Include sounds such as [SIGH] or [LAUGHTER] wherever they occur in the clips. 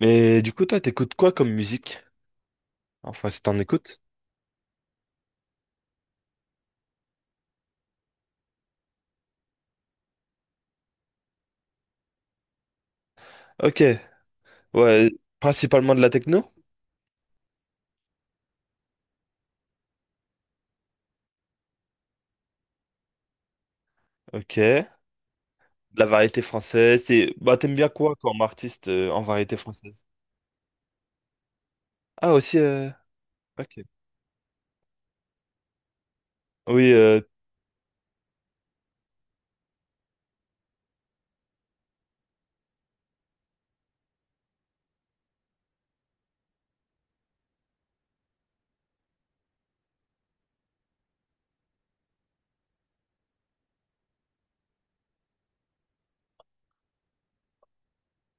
Mais du coup, toi, t'écoutes quoi comme musique? Enfin, si t'en écoutes. Ok, ouais, principalement de la techno. Ok, de la variété française. C'est, bah, t'aimes bien quoi comme artiste en variété française? Ah, aussi, ok. Oui,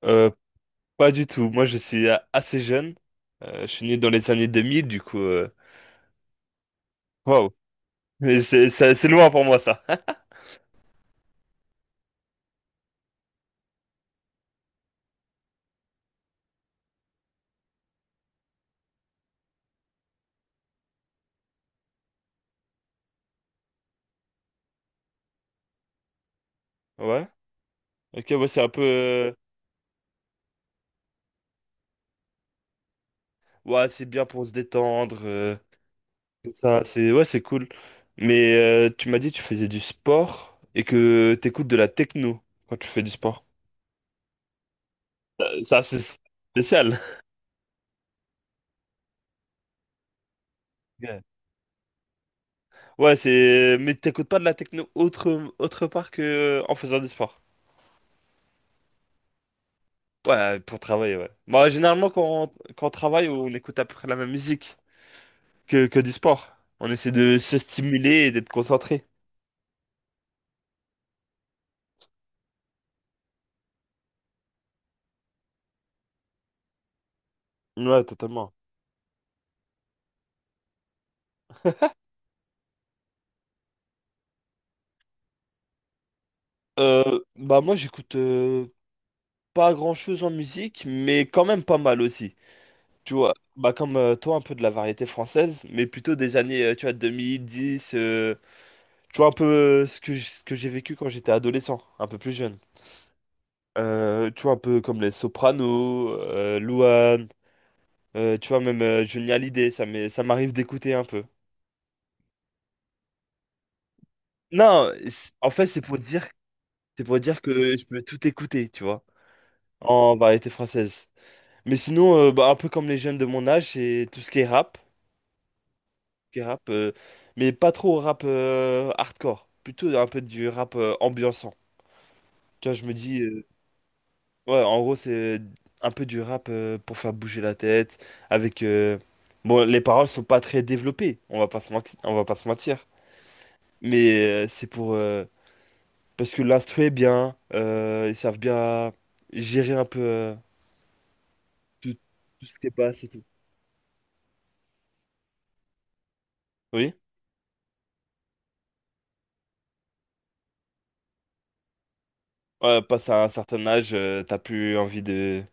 euh, pas du tout. Moi, je suis assez jeune. Je suis né dans les années 2000, du coup, waouh. [LAUGHS] Mais c'est loin pour moi, ça. [LAUGHS] Ouais, ok, ouais, c'est un peu. Ouais, c'est bien pour se détendre. Donc ça, c'est ouais, c'est cool. Mais tu m'as dit que tu faisais du sport et que t'écoutes de la techno quand tu fais du sport. Ça, c'est spécial. Ouais, ouais, c'est. Mais t'écoutes pas de la techno autre, autre part que en faisant du sport. Ouais, pour travailler, ouais. Bah, généralement, quand on travaille, on écoute à peu près la même musique que du sport. On essaie de se stimuler et d'être concentré. Ouais, totalement. Bah moi j'écoute pas grand-chose en musique, mais quand même pas mal aussi. Tu vois, bah comme toi, un peu de la variété française, mais plutôt des années, tu vois, 2010, tu vois, un peu ce que, ce que j'ai vécu quand j'étais adolescent, un peu plus jeune. Tu vois, un peu comme les Sopranos, Louane, tu vois, même Johnny Hallyday, ça m'arrive d'écouter un peu. Non, c'est- en fait, c'est pour dire que je peux tout écouter, tu vois, en variété française. Mais sinon, bah, un peu comme les jeunes de mon âge, c'est tout ce qui est rap. Qui rappe, mais pas trop rap hardcore, plutôt un peu du rap ambiançant. Tu vois, je me dis, ouais, en gros, c'est un peu du rap pour faire bouger la tête, avec... Bon, les paroles sont pas très développées, on va pas se mentir, mais c'est pour... Parce que l'instru est bien, ils savent bien gérer un peu tout, tout ce qui passe et tout. Oui, ouais, passe à un certain âge, t'as plus envie de...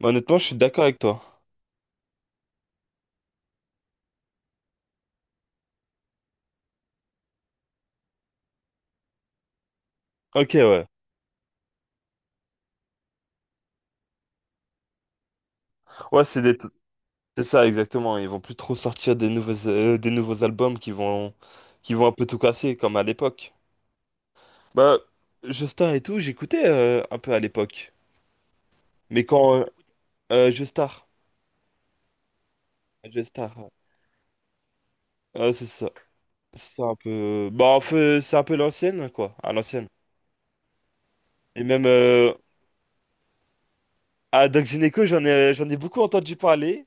Bah, honnêtement, je suis d'accord avec toi. Ok, ouais. Ouais, c'est des, c'est ça, exactement. Ils vont plus trop sortir des nouveaux albums qui vont un peu tout casser, comme à l'époque. Bah, Joestar et tout, j'écoutais un peu à l'époque. Mais quand... Joestar. Joestar, ouais. Ouais, c'est ça. C'est un peu... Bah, en fait, c'est un peu l'ancienne, quoi. À l'ancienne. Et même... À Doc Gynéco, j'en ai beaucoup entendu parler.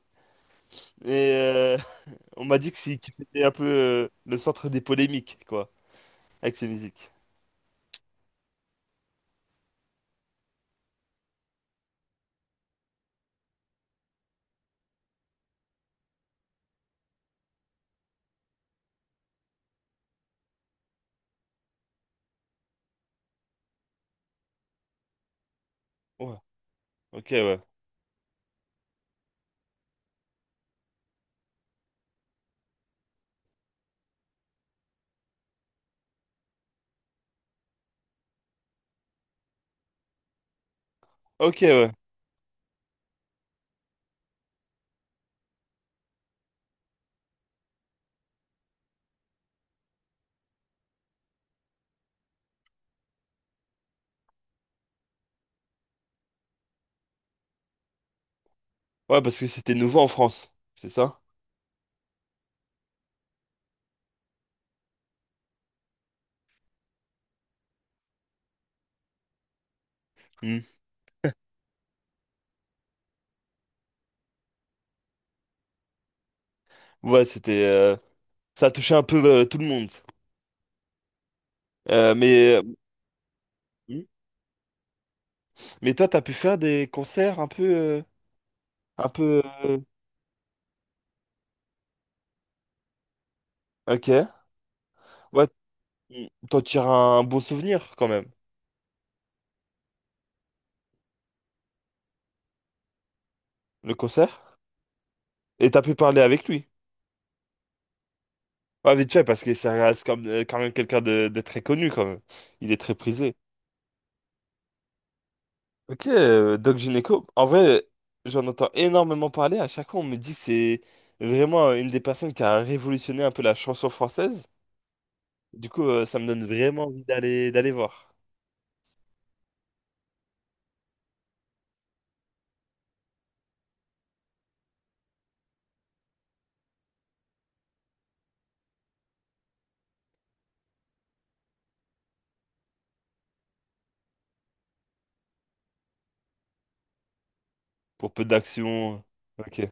Et [LAUGHS] on m'a dit que qu'il était un peu le centre des polémiques, quoi. Avec ses musiques. Ouais. Ok, ouais. Ok, ouais. Ouais, parce que c'était nouveau en France, c'est ça? Hmm. Ouais, c'était ça a touché un peu tout le monde. Mais hmm. Mais toi, t'as pu faire des concerts un peu un peu euh, ok. Ouais, hmm. T'en tires un beau souvenir quand même, le concert. Et t'as pu parler avec lui. Ouais, vite fait, parce que ça reste comme, quand même quelqu'un de très connu quand même. Il est très prisé. Ok, Doc Gynéco. En vrai, j'en entends énormément parler. À chaque fois, on me dit que c'est vraiment une des personnes qui a révolutionné un peu la chanson française. Du coup, ça me donne vraiment envie d'aller voir. Pour peu d'action. Ok.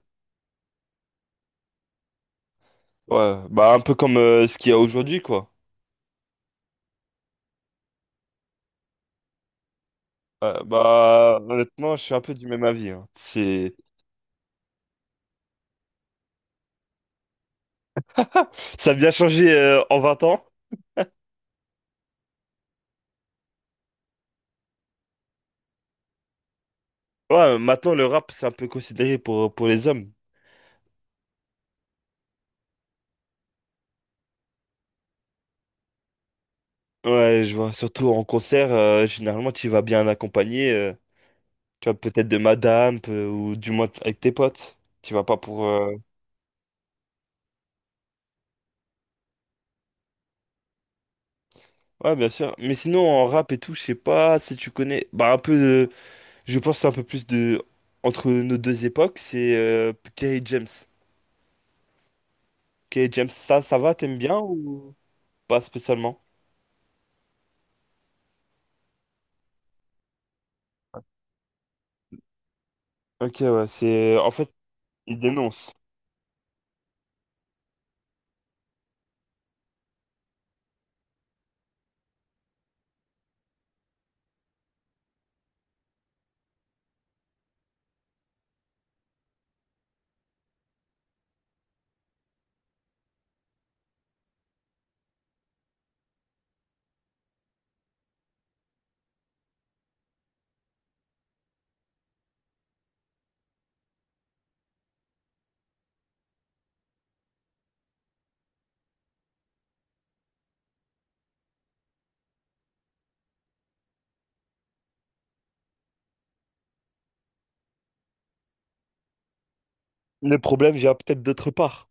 Ouais, bah un peu comme ce qu'il y a aujourd'hui, quoi. Ouais, bah honnêtement, je suis un peu du même avis, hein. C'est ça a bien changé en 20 ans. Ouais, maintenant le rap c'est un peu considéré pour les hommes. Ouais, je vois. Surtout en concert, généralement tu vas bien accompagné. Tu vois peut-être de madame ou du moins avec tes potes. Tu vas pas pour. Ouais, bien sûr. Mais sinon en rap et tout, je sais pas si tu connais. Bah un peu. Je pense que c'est un peu plus de entre nos deux époques, c'est Kerry James. Kerry James, ça va, t'aimes bien ou pas spécialement? Ok, ouais, c'est en fait, il dénonce. Le problème vient peut-être d'autre part.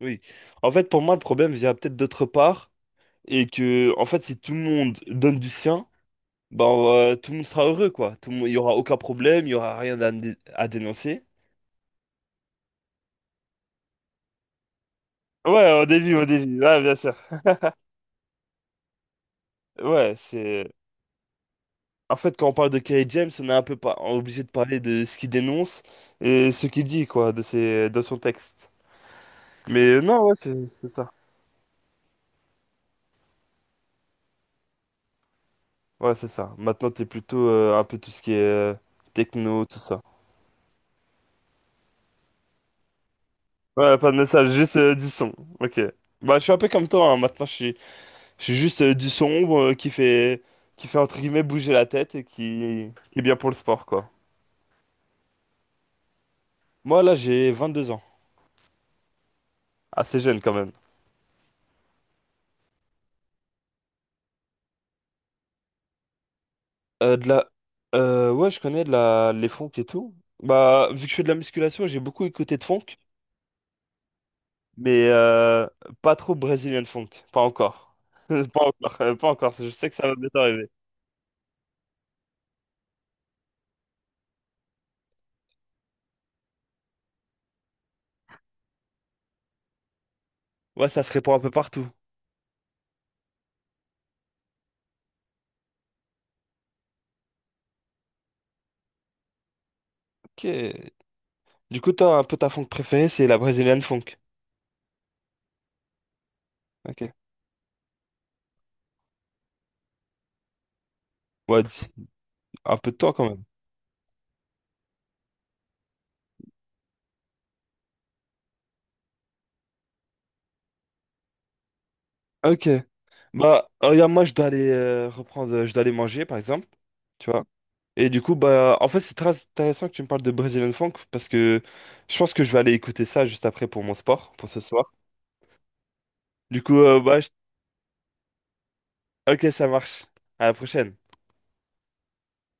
Oui. En fait, pour moi, le problème vient peut-être d'autre part et que, en fait, si tout le monde donne du sien, ben, tout le monde sera heureux, quoi. Tout le monde, il y aura aucun problème, il y aura rien à, à dénoncer. Ouais, au début, ouais, bien sûr. Ouais, c'est en fait, quand on parle de Kerry James, on est un peu pas obligé de parler de ce qu'il dénonce et ce qu'il dit, quoi, de ses, de son texte. Mais non, ouais, c'est ça. Ouais, c'est ça. Maintenant, t'es plutôt un peu tout ce qui est techno, tout ça. Ouais, pas de message, juste du son. Ok. Bah, je suis un peu comme toi, hein. Maintenant, je suis juste du sombre qui fait, entre guillemets, bouger la tête et qui est bien pour le sport, quoi. Moi, là, j'ai 22 ans. Assez jeune, quand même. De la... ouais, je connais de la... les funk et tout. Bah, vu que je fais de la musculation, j'ai beaucoup écouté de funk, mais pas trop brésilien funk. Pas encore. [LAUGHS] Pas encore, pas encore. Je sais que ça va bientôt arriver. Ouais, ça se répand un peu partout. Ok. Du coup, toi, un peu ta funk préférée, c'est la brésilienne funk. Ok. Ouais, un peu de toi quand même. Ok. Bah, regarde, moi, je dois aller je dois aller manger, par exemple. Tu vois. Et du coup, bah, en fait, c'est très intéressant que tu me parles de Brazilian Funk parce que je pense que je vais aller écouter ça juste après pour mon sport, pour ce soir. Du coup, ok, ça marche. À la prochaine.